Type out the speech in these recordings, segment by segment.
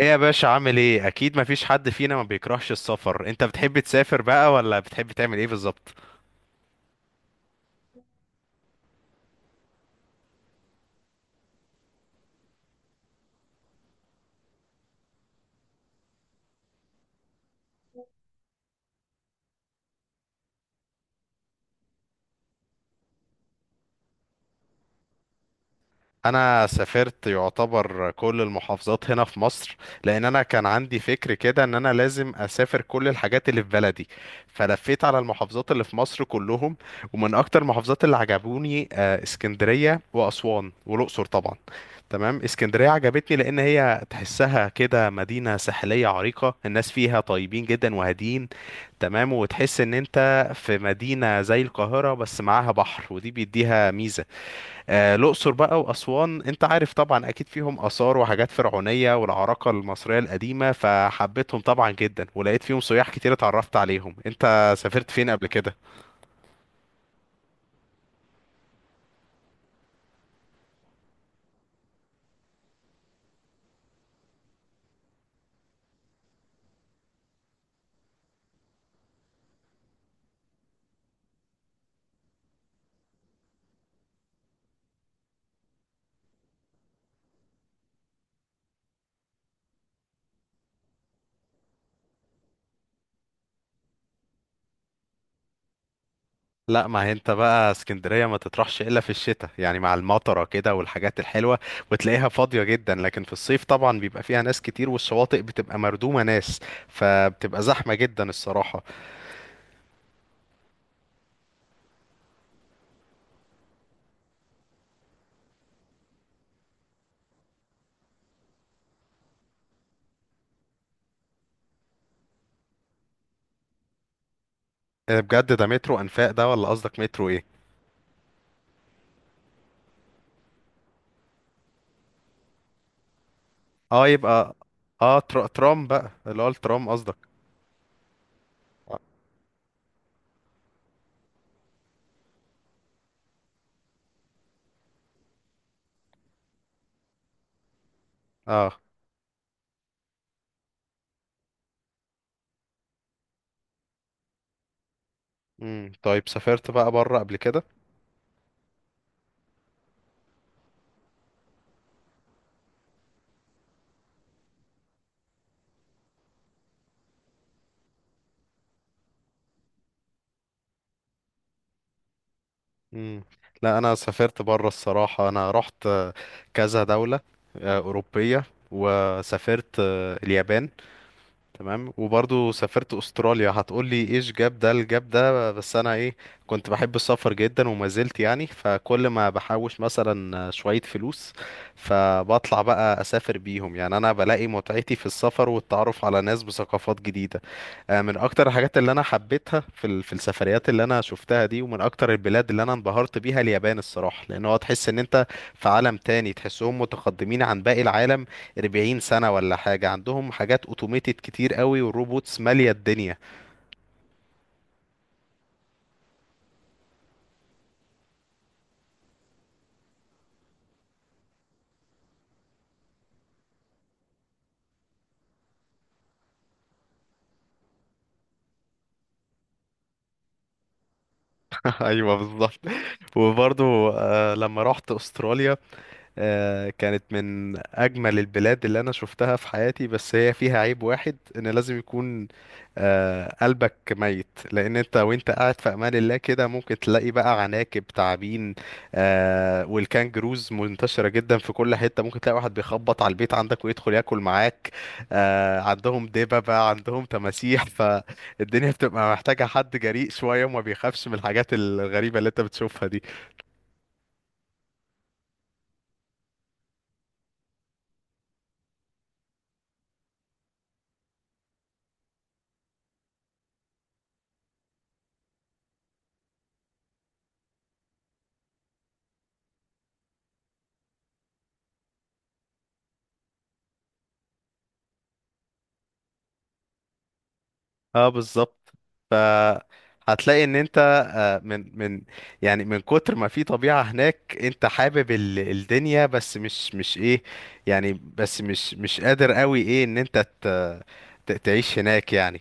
ايه يا باشا؟ عامل ايه؟ اكيد مفيش حد فينا ما بيكرهش السفر. انت بتحب تسافر بقى ولا بتحب تعمل ايه بالظبط؟ انا سافرت يعتبر كل المحافظات هنا في مصر، لان انا كان عندي فكر كده ان انا لازم اسافر كل الحاجات اللي في بلدي، فلفيت على المحافظات اللي في مصر كلهم. ومن اكتر المحافظات اللي عجبوني اسكندرية واسوان والاقصر طبعا. تمام، اسكندرية عجبتني لأن هي تحسها كده مدينة ساحلية عريقة، الناس فيها طيبين جدا وهادين. تمام، وتحس إن أنت في مدينة زي القاهرة بس معاها بحر، ودي بيديها ميزة. آه، الأقصر بقى وأسوان، أنت عارف طبعا أكيد فيهم آثار وحاجات فرعونية والعراقة المصرية القديمة، فحبيتهم طبعا جدا، ولقيت فيهم سياح كتير اتعرفت عليهم. أنت سافرت فين قبل كده؟ لا، ما هي انت بقى اسكندرية ما تطرحش الا في الشتاء، يعني مع المطرة كده والحاجات الحلوة، وتلاقيها فاضية جدا. لكن في الصيف طبعا بيبقى فيها ناس كتير، والشواطئ بتبقى مردومة ناس، فبتبقى زحمة جدا الصراحة. اه بجد، ده مترو انفاق ده ولا قصدك مترو ايه؟ اه يبقى اه ترام بقى، اللي هو الترام قصدك؟ اه. طيب، سافرت بقى بره قبل كده؟ امم لا، انا سافرت بره الصراحة. انا رحت كذا دولة أوروبية، وسافرت اليابان. تمام، وبرضو سافرت استراليا. هتقول لي ايش جاب ده الجاب ده؟ بس انا ايه، كنت بحب السفر جدا وما زلت، يعني فكل ما بحوش مثلا شوية فلوس فبطلع بقى اسافر بيهم، يعني انا بلاقي متعتي في السفر والتعرف على ناس بثقافات جديدة. من اكتر الحاجات اللي انا حبيتها في في السفريات اللي انا شفتها دي، ومن اكتر البلاد اللي انا انبهرت بيها اليابان الصراحه، لان هو تحس ان انت في عالم تاني، تحسهم متقدمين عن باقي العالم 40 سنه ولا حاجه. عندهم حاجات اوتوميتد كتير قوي، والروبوتس ماليه الدنيا. ايوه بالظبط. وبرضو لما رحت استراليا كانت من أجمل البلاد اللي أنا شفتها في حياتي، بس هي فيها عيب واحد، إن لازم يكون قلبك ميت، لأن أنت وأنت قاعد في أمان الله كده ممكن تلاقي بقى عناكب، تعابين، والكانجروز منتشرة جدا في كل حتة، ممكن تلاقي واحد بيخبط على البيت عندك ويدخل ياكل معاك. عندهم دببة، عندهم تماسيح. فالدنيا بتبقى محتاجة حد جريء شوية وما بيخافش من الحاجات الغريبة اللي أنت بتشوفها دي. اه بالظبط. ف هتلاقي ان انت من يعني من كتر ما في طبيعة هناك، انت حابب الدنيا، بس مش ايه، يعني بس مش قادر قوي ايه ان انت تعيش هناك يعني.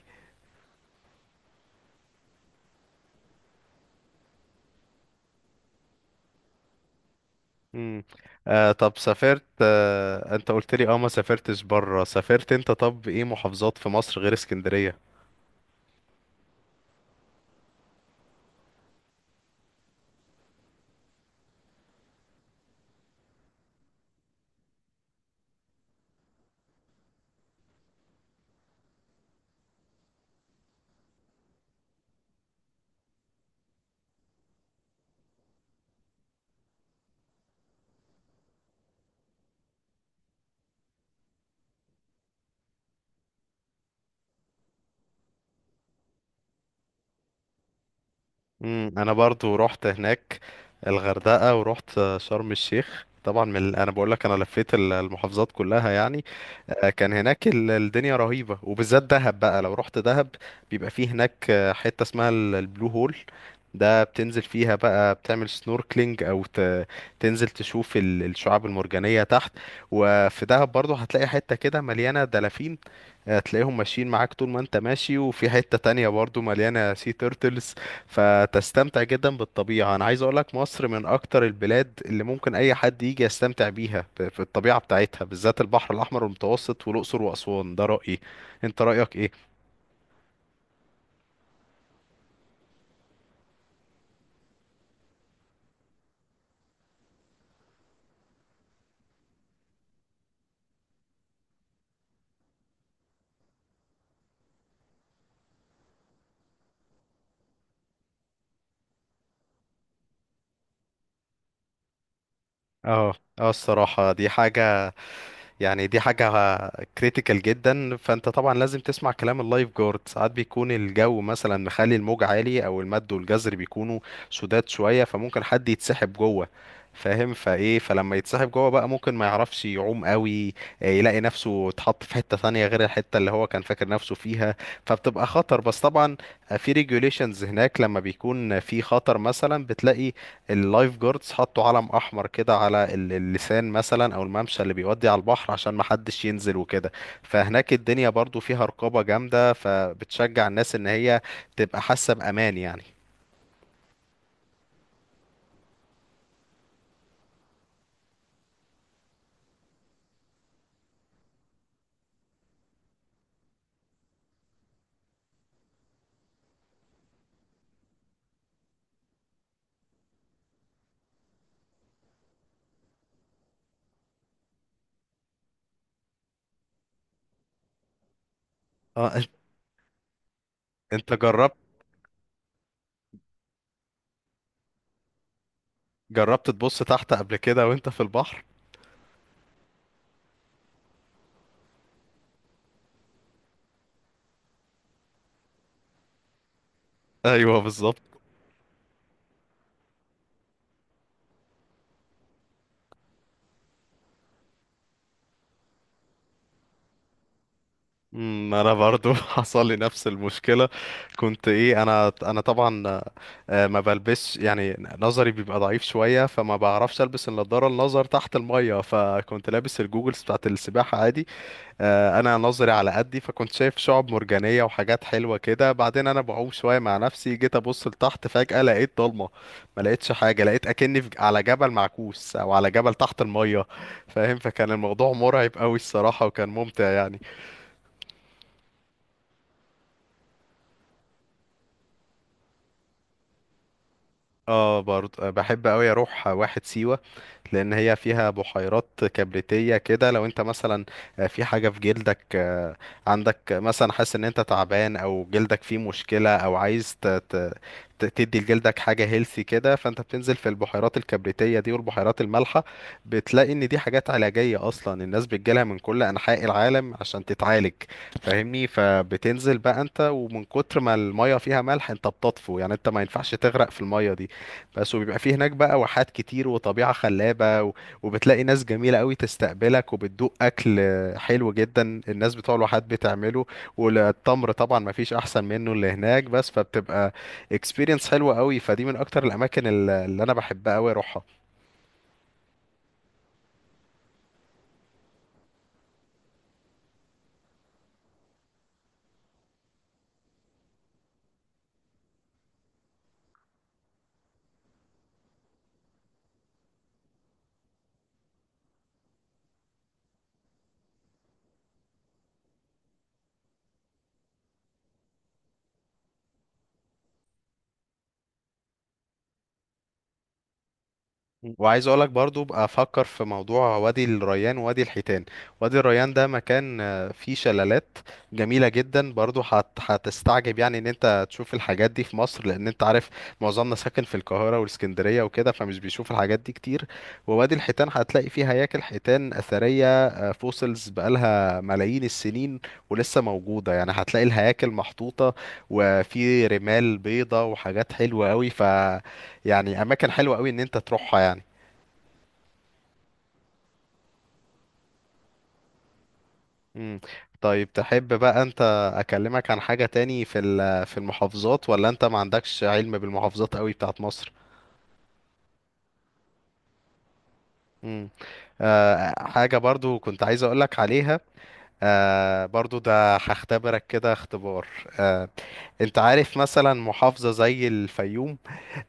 امم آه، طب سافرت آه، انت قلت لي اه ما سافرتش بره. سافرت انت طب ايه محافظات في مصر غير اسكندرية؟ مم، انا برضو رحت هناك الغردقة، ورحت شرم الشيخ طبعا، من انا بقول لك انا لفيت المحافظات كلها يعني. كان هناك الدنيا رهيبة، وبالذات دهب بقى. لو رحت دهب بيبقى فيه هناك حتة اسمها البلو هول. ده بتنزل فيها بقى، بتعمل سنوركلينج او تنزل تشوف الشعاب المرجانية تحت. وفي دهب برضو هتلاقي حتة كده مليانة دلافين، تلاقيهم ماشيين معاك طول ما انت ماشي، وفي حتة تانية برضو مليانة سي تيرتلز، فتستمتع جدا بالطبيعة. انا عايز اقولك مصر من اكتر البلاد اللي ممكن اي حد يجي يستمتع بيها في الطبيعة بتاعتها، بالذات البحر الاحمر والمتوسط والاقصر واسوان، ده رأيي. انت رأيك ايه؟ اه، اه الصراحة دي حاجة، يعني دي حاجة كريتيكال جدا. فانت طبعا لازم تسمع كلام اللايف جارد. ساعات بيكون الجو مثلا مخلي الموج عالي، او المد والجزر بيكونوا سداد شوية، فممكن حد يتسحب جوه، فاهم؟ فايه، فلما يتسحب جوه بقى ممكن ما يعرفش يعوم قوي، يلاقي نفسه اتحط في حتة ثانية غير الحتة اللي هو كان فاكر نفسه فيها، فبتبقى خطر. بس طبعا في ريجوليشنز هناك، لما بيكون في خطر مثلا بتلاقي اللايف جاردز حطوا علم احمر كده على اللسان مثلا، او الممشى اللي بيودي على البحر، عشان محدش ينزل وكده. فهناك الدنيا برضو فيها رقابة جامدة، فبتشجع الناس ان هي تبقى حاسة بامان يعني. اه، إنت جربت، جربت تبص تحت قبل كده وانت في البحر؟ ايوه بالظبط. انا برضو حصل لي نفس المشكله. كنت ايه، انا طبعا ما بلبسش، يعني نظري بيبقى ضعيف شويه، فما بعرفش البس النضاره النظر تحت الميه، فكنت لابس الجوجلز بتاعت السباحه عادي. انا نظري على قدي، فكنت شايف شعب مرجانيه وحاجات حلوه كده. بعدين انا بعوم شويه مع نفسي، جيت ابص لتحت فجاه لقيت ضلمه، ما لقيتش حاجه، لقيت اكني على جبل معكوس او على جبل تحت الميه، فاهم؟ فكان الموضوع مرعب قوي الصراحه، وكان ممتع يعني. اه برضه بحب قوي اروح واحد سيوة، لان هي فيها بحيرات كبريتية كده. لو انت مثلا في حاجة في جلدك، عندك مثلا حاسس ان انت تعبان، او جلدك فيه مشكلة، او عايز تدي لجلدك حاجة هيلثي كده، فانت بتنزل في البحيرات الكبريتية دي والبحيرات المالحة، بتلاقي ان دي حاجات علاجية اصلا، الناس بتجيلها من كل انحاء العالم عشان تتعالج، فاهمني؟ فبتنزل بقى انت، ومن كتر ما المية فيها ملح انت بتطفو، يعني انت ما ينفعش تغرق في المية دي. بس وبيبقى فيه هناك بقى واحات كتير وطبيعة خلابة، وبتلاقي ناس جميلة قوي تستقبلك، وبتدوق أكل حلو جدا الناس بتوع الواحات بتعمله، والتمر طبعا ما فيش أحسن منه اللي هناك، بس فبتبقى experience حلوة قوي، فدي من أكتر الأماكن اللي أنا بحبها قوي أروحها. وعايز اقولك برضو بقى افكر في موضوع وادي الريان ووادي الحيتان. وادي الريان ده مكان فيه شلالات جميلة جدا، برضو هتستعجب يعني ان انت تشوف الحاجات دي في مصر، لان انت عارف معظمنا ساكن في القاهرة والاسكندرية وكده، فمش بيشوف الحاجات دي كتير. ووادي الحيتان هتلاقي فيه هياكل حيتان اثرية، فوسلز بقالها ملايين السنين ولسه موجودة، يعني هتلاقي الهياكل محطوطة، وفي رمال بيضة وحاجات حلوة قوي، ف يعني اماكن حلوة قوي ان انت تروحها يعني. مم. طيب تحب بقى انت اكلمك عن حاجة تاني في في المحافظات، ولا انت ما عندكش علم بالمحافظات قوي بتاعت مصر؟ مم. آه، حاجة برضو كنت عايز اقولك عليها، آه برضو ده هختبرك كده اختبار. آه، انت عارف مثلا محافظة زي الفيوم؟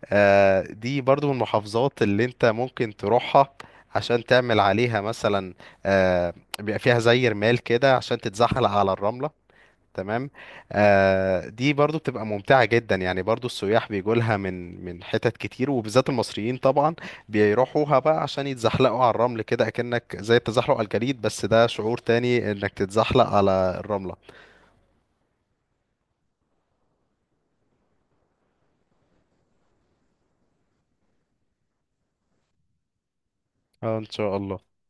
آه دي برضو من المحافظات اللي انت ممكن تروحها عشان تعمل عليها مثلا، آه، بيبقى فيها زي رمال كده عشان تتزحلق على الرملة، تمام؟ آه دي برضو بتبقى ممتعة جدا، يعني برضو السياح بيجوا لها من حتت كتير، وبالذات المصريين طبعا بيروحوها بقى عشان يتزحلقوا على الرمل كده، اكنك زي التزحلق على الجليد، بس ده شعور تاني انك تتزحلق على الرملة. آه ان شاء الله.